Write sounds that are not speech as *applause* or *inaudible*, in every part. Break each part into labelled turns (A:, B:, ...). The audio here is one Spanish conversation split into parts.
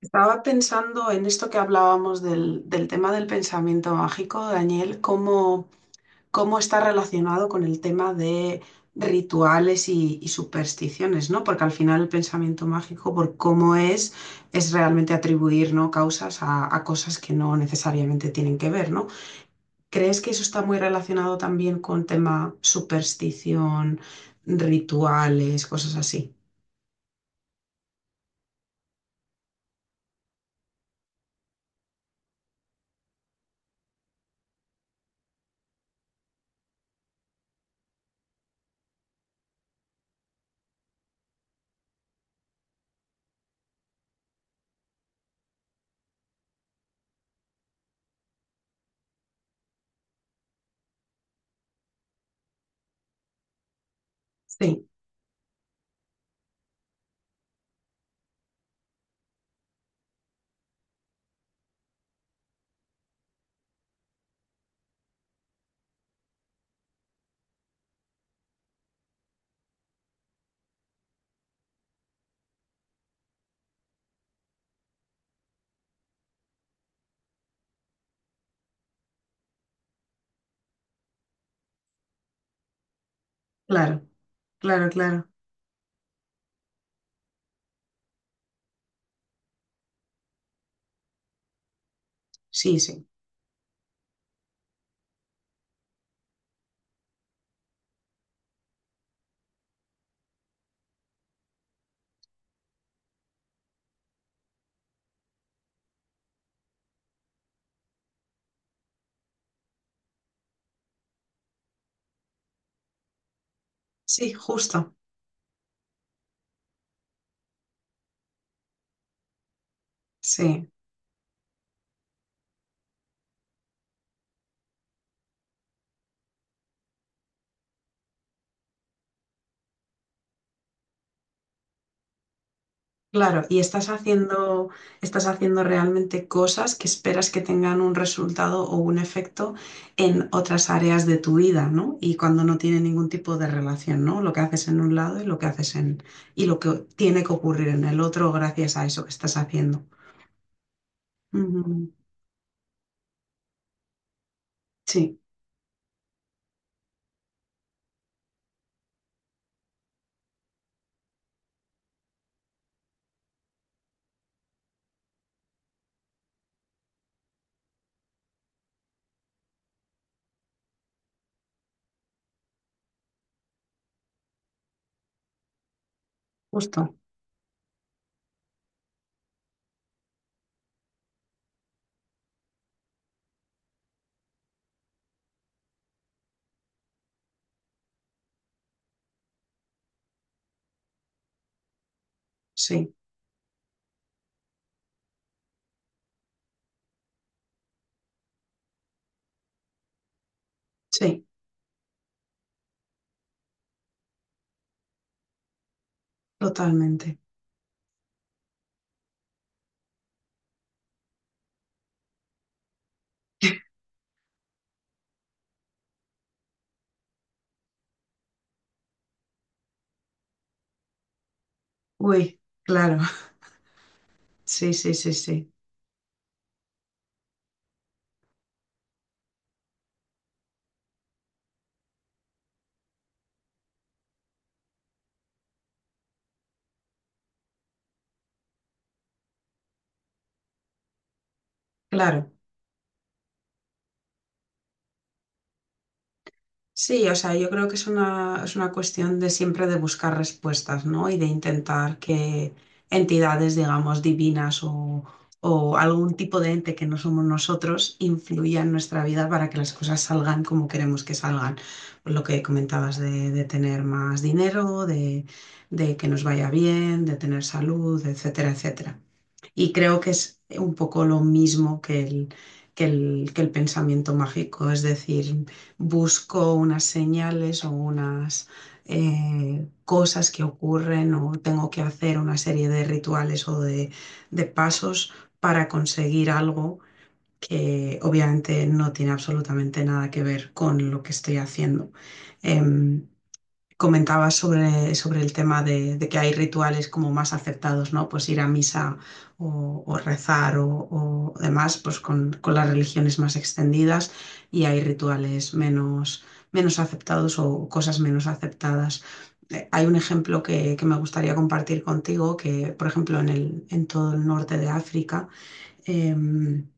A: Estaba pensando en esto que hablábamos del tema del pensamiento mágico, Daniel, cómo está relacionado con el tema de rituales y supersticiones, ¿no? Porque al final el pensamiento mágico, por cómo es realmente atribuir, ¿no?, causas a cosas que no necesariamente tienen que ver, ¿no? ¿Crees que eso está muy relacionado también con tema superstición, rituales, cosas así? Sí, claro, claro, claro. Sí, sí. Sí, justo. Sí, claro, y estás haciendo realmente cosas que esperas que tengan un resultado o un efecto en otras áreas de tu vida, ¿no? Y cuando no tiene ningún tipo de relación, ¿no?, lo que haces en un lado y lo que haces en, y lo que tiene que ocurrir en el otro gracias a eso que estás haciendo. Ujú, sí, justo, sí, sí, totalmente. *laughs* Uy, claro, sí, sí, sí, sí, claro. Sí, o sea, yo creo que es una cuestión de siempre de buscar respuestas, ¿no? Y de intentar que entidades, digamos, divinas o algún tipo de ente que no somos nosotros influya en nuestra vida para que las cosas salgan como queremos que salgan. Lo que comentabas de tener más dinero, de que nos vaya bien, de tener salud, etcétera, etcétera. Y creo que es un poco lo mismo que el pensamiento mágico, es decir, busco unas señales o unas cosas que ocurren o tengo que hacer una serie de rituales o de pasos para conseguir algo que obviamente no tiene absolutamente nada que ver con lo que estoy haciendo. Em, Comentabas sobre el tema de que hay rituales como más aceptados, ¿no? Pues ir a misa o rezar o demás, pues con las religiones más extendidas y hay rituales menos, menos aceptados o cosas menos aceptadas. Hay un ejemplo que me gustaría compartir contigo, que por ejemplo en el, en todo el norte de África, em,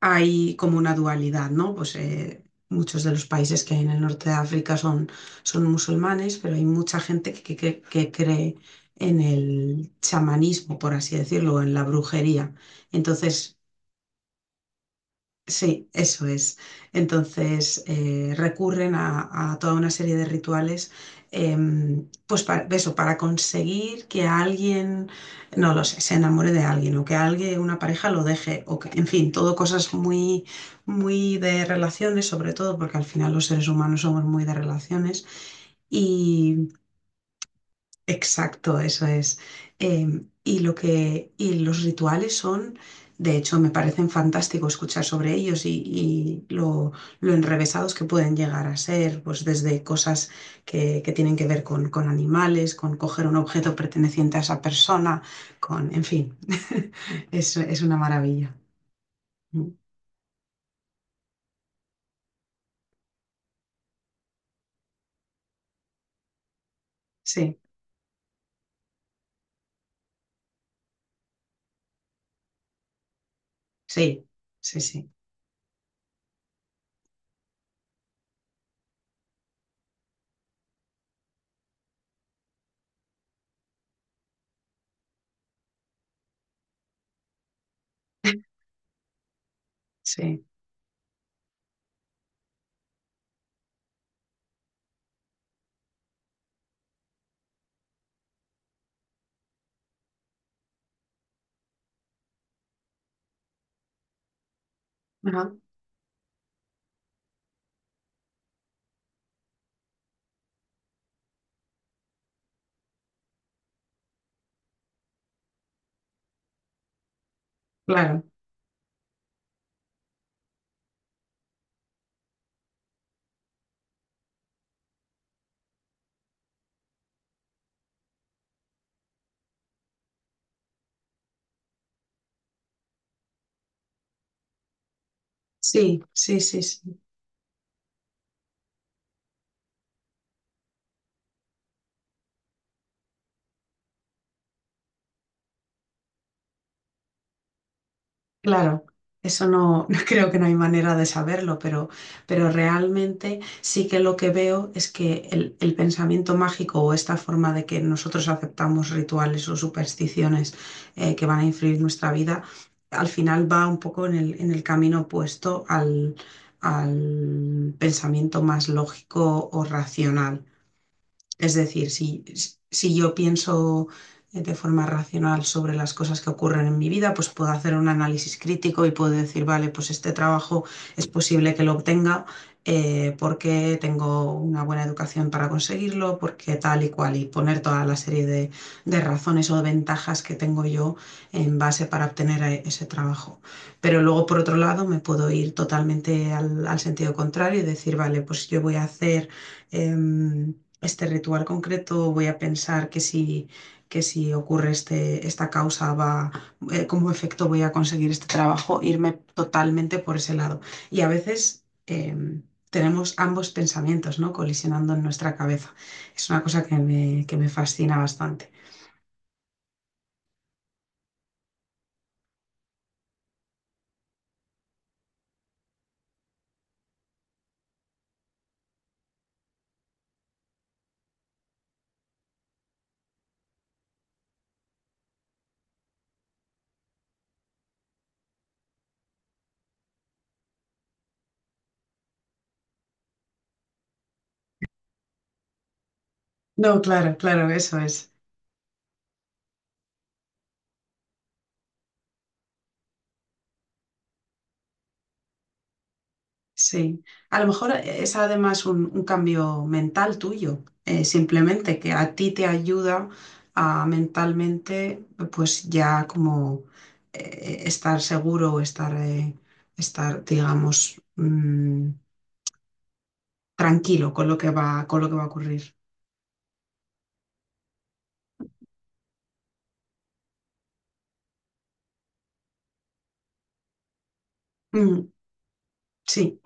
A: hay como una dualidad, ¿no? Pues muchos de los países que hay en el norte de África son, son musulmanes, pero hay mucha gente que cree en el chamanismo, por así decirlo, en la brujería. Entonces, sí, eso es. Entonces recurren a toda una serie de rituales, pues para eso, para conseguir que alguien, no lo sé, se enamore de alguien o que alguien, una pareja lo deje, o que, en fin, todo cosas muy, muy de relaciones, sobre todo porque al final los seres humanos somos muy de relaciones. Exacto, eso es. Y lo que, y los rituales son, de hecho, me parecen fantástico escuchar sobre ellos y lo enrevesados que pueden llegar a ser, pues desde cosas que tienen que ver con animales, con coger un objeto perteneciente a esa persona, con, en fin, *laughs* es una maravilla. Mm, sí, sí, sí, sí, *laughs* sí. Ajá, claro. Sí, sí, sí, sí. Claro, eso no, *laughs* no creo que no hay manera de saberlo, pero realmente sí que lo que veo es que el pensamiento mágico o esta forma de que nosotros aceptamos rituales o supersticiones que van a influir nuestra vida, al final va un poco en el camino opuesto al, al pensamiento más lógico o racional. Es decir, si yo pienso de forma racional sobre las cosas que ocurren en mi vida, pues puedo hacer un análisis crítico y puedo decir, vale, pues este trabajo es posible que lo obtenga porque tengo una buena educación para conseguirlo, porque tal y cual, y poner toda la serie de razones o de ventajas que tengo yo en base para obtener ese trabajo. Pero luego, por otro lado, me puedo ir totalmente al, al sentido contrario y decir, vale, pues yo voy a hacer... em, este ritual concreto, voy a pensar que si ocurre este, esta causa, va, como efecto voy a conseguir este trabajo, irme totalmente por ese lado. Y a veces tenemos ambos pensamientos, ¿no?, colisionando en nuestra cabeza. Es una cosa que que me fascina bastante. No, claro, claro, eso es. Sí, a lo mejor es además un cambio mental tuyo, simplemente que a ti te ayuda a mentalmente, pues ya como estar seguro o estar, estar, digamos, mm, tranquilo con lo que va, con lo que va a ocurrir. Mm, sí,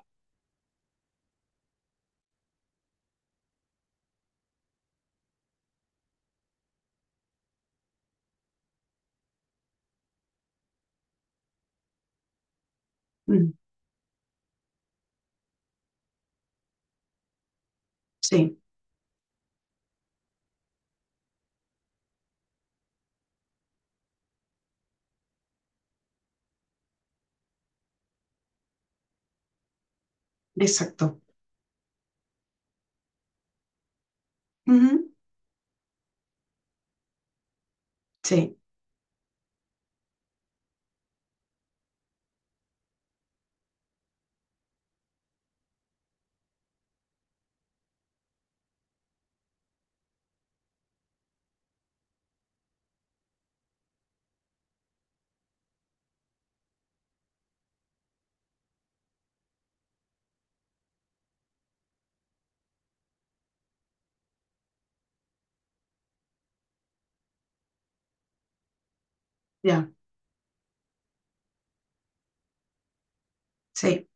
A: mm, sí, exacto. Ujú, sí, ya, sí,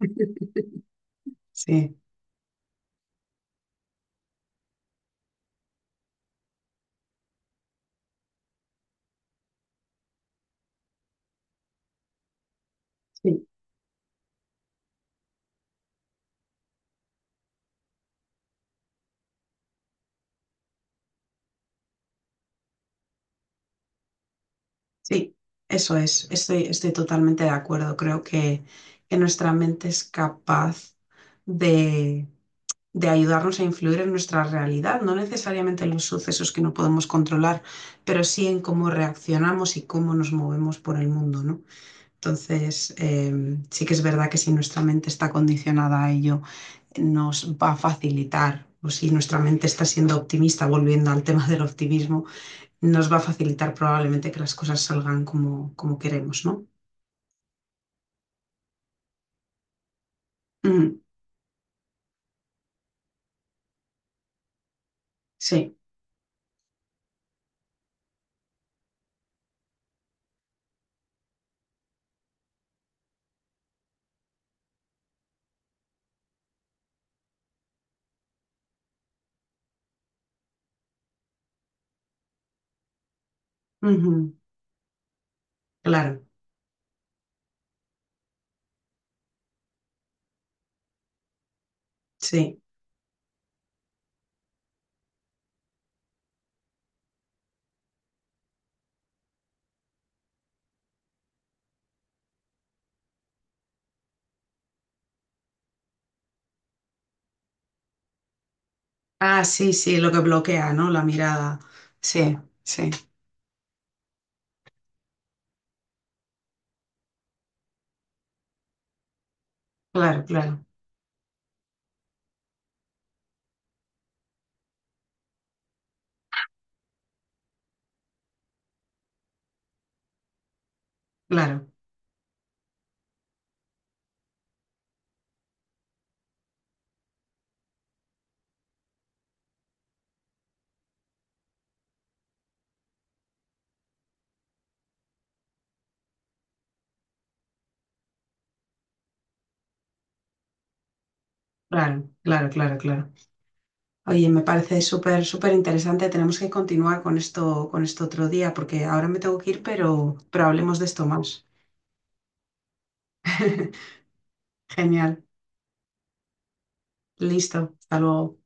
A: *laughs* sí, sí. Sí, eso es. Estoy, estoy totalmente de acuerdo. Creo que nuestra mente es capaz de, de ayudarnos a influir en nuestra realidad, no necesariamente en los sucesos que no podemos controlar, pero sí en cómo reaccionamos y cómo nos movemos por el mundo, ¿no? Entonces, sí que es verdad que si nuestra mente está condicionada a ello, nos va a facilitar. O si nuestra mente está siendo optimista, volviendo al tema del optimismo, nos va a facilitar probablemente que las cosas salgan como, como queremos, ¿no? Ujú, sí, ujú, claro, sí. Ah, sí, sí, lo que bloquea, ¿no?, la mirada. Sí, sí, claro, claro, claro, claro, claro, claro, claro. Oye, me parece súper, súper interesante. Tenemos que continuar con esto otro día, porque ahora me tengo que ir, pero hablemos de esto más. *laughs* Genial. Listo. Hasta luego.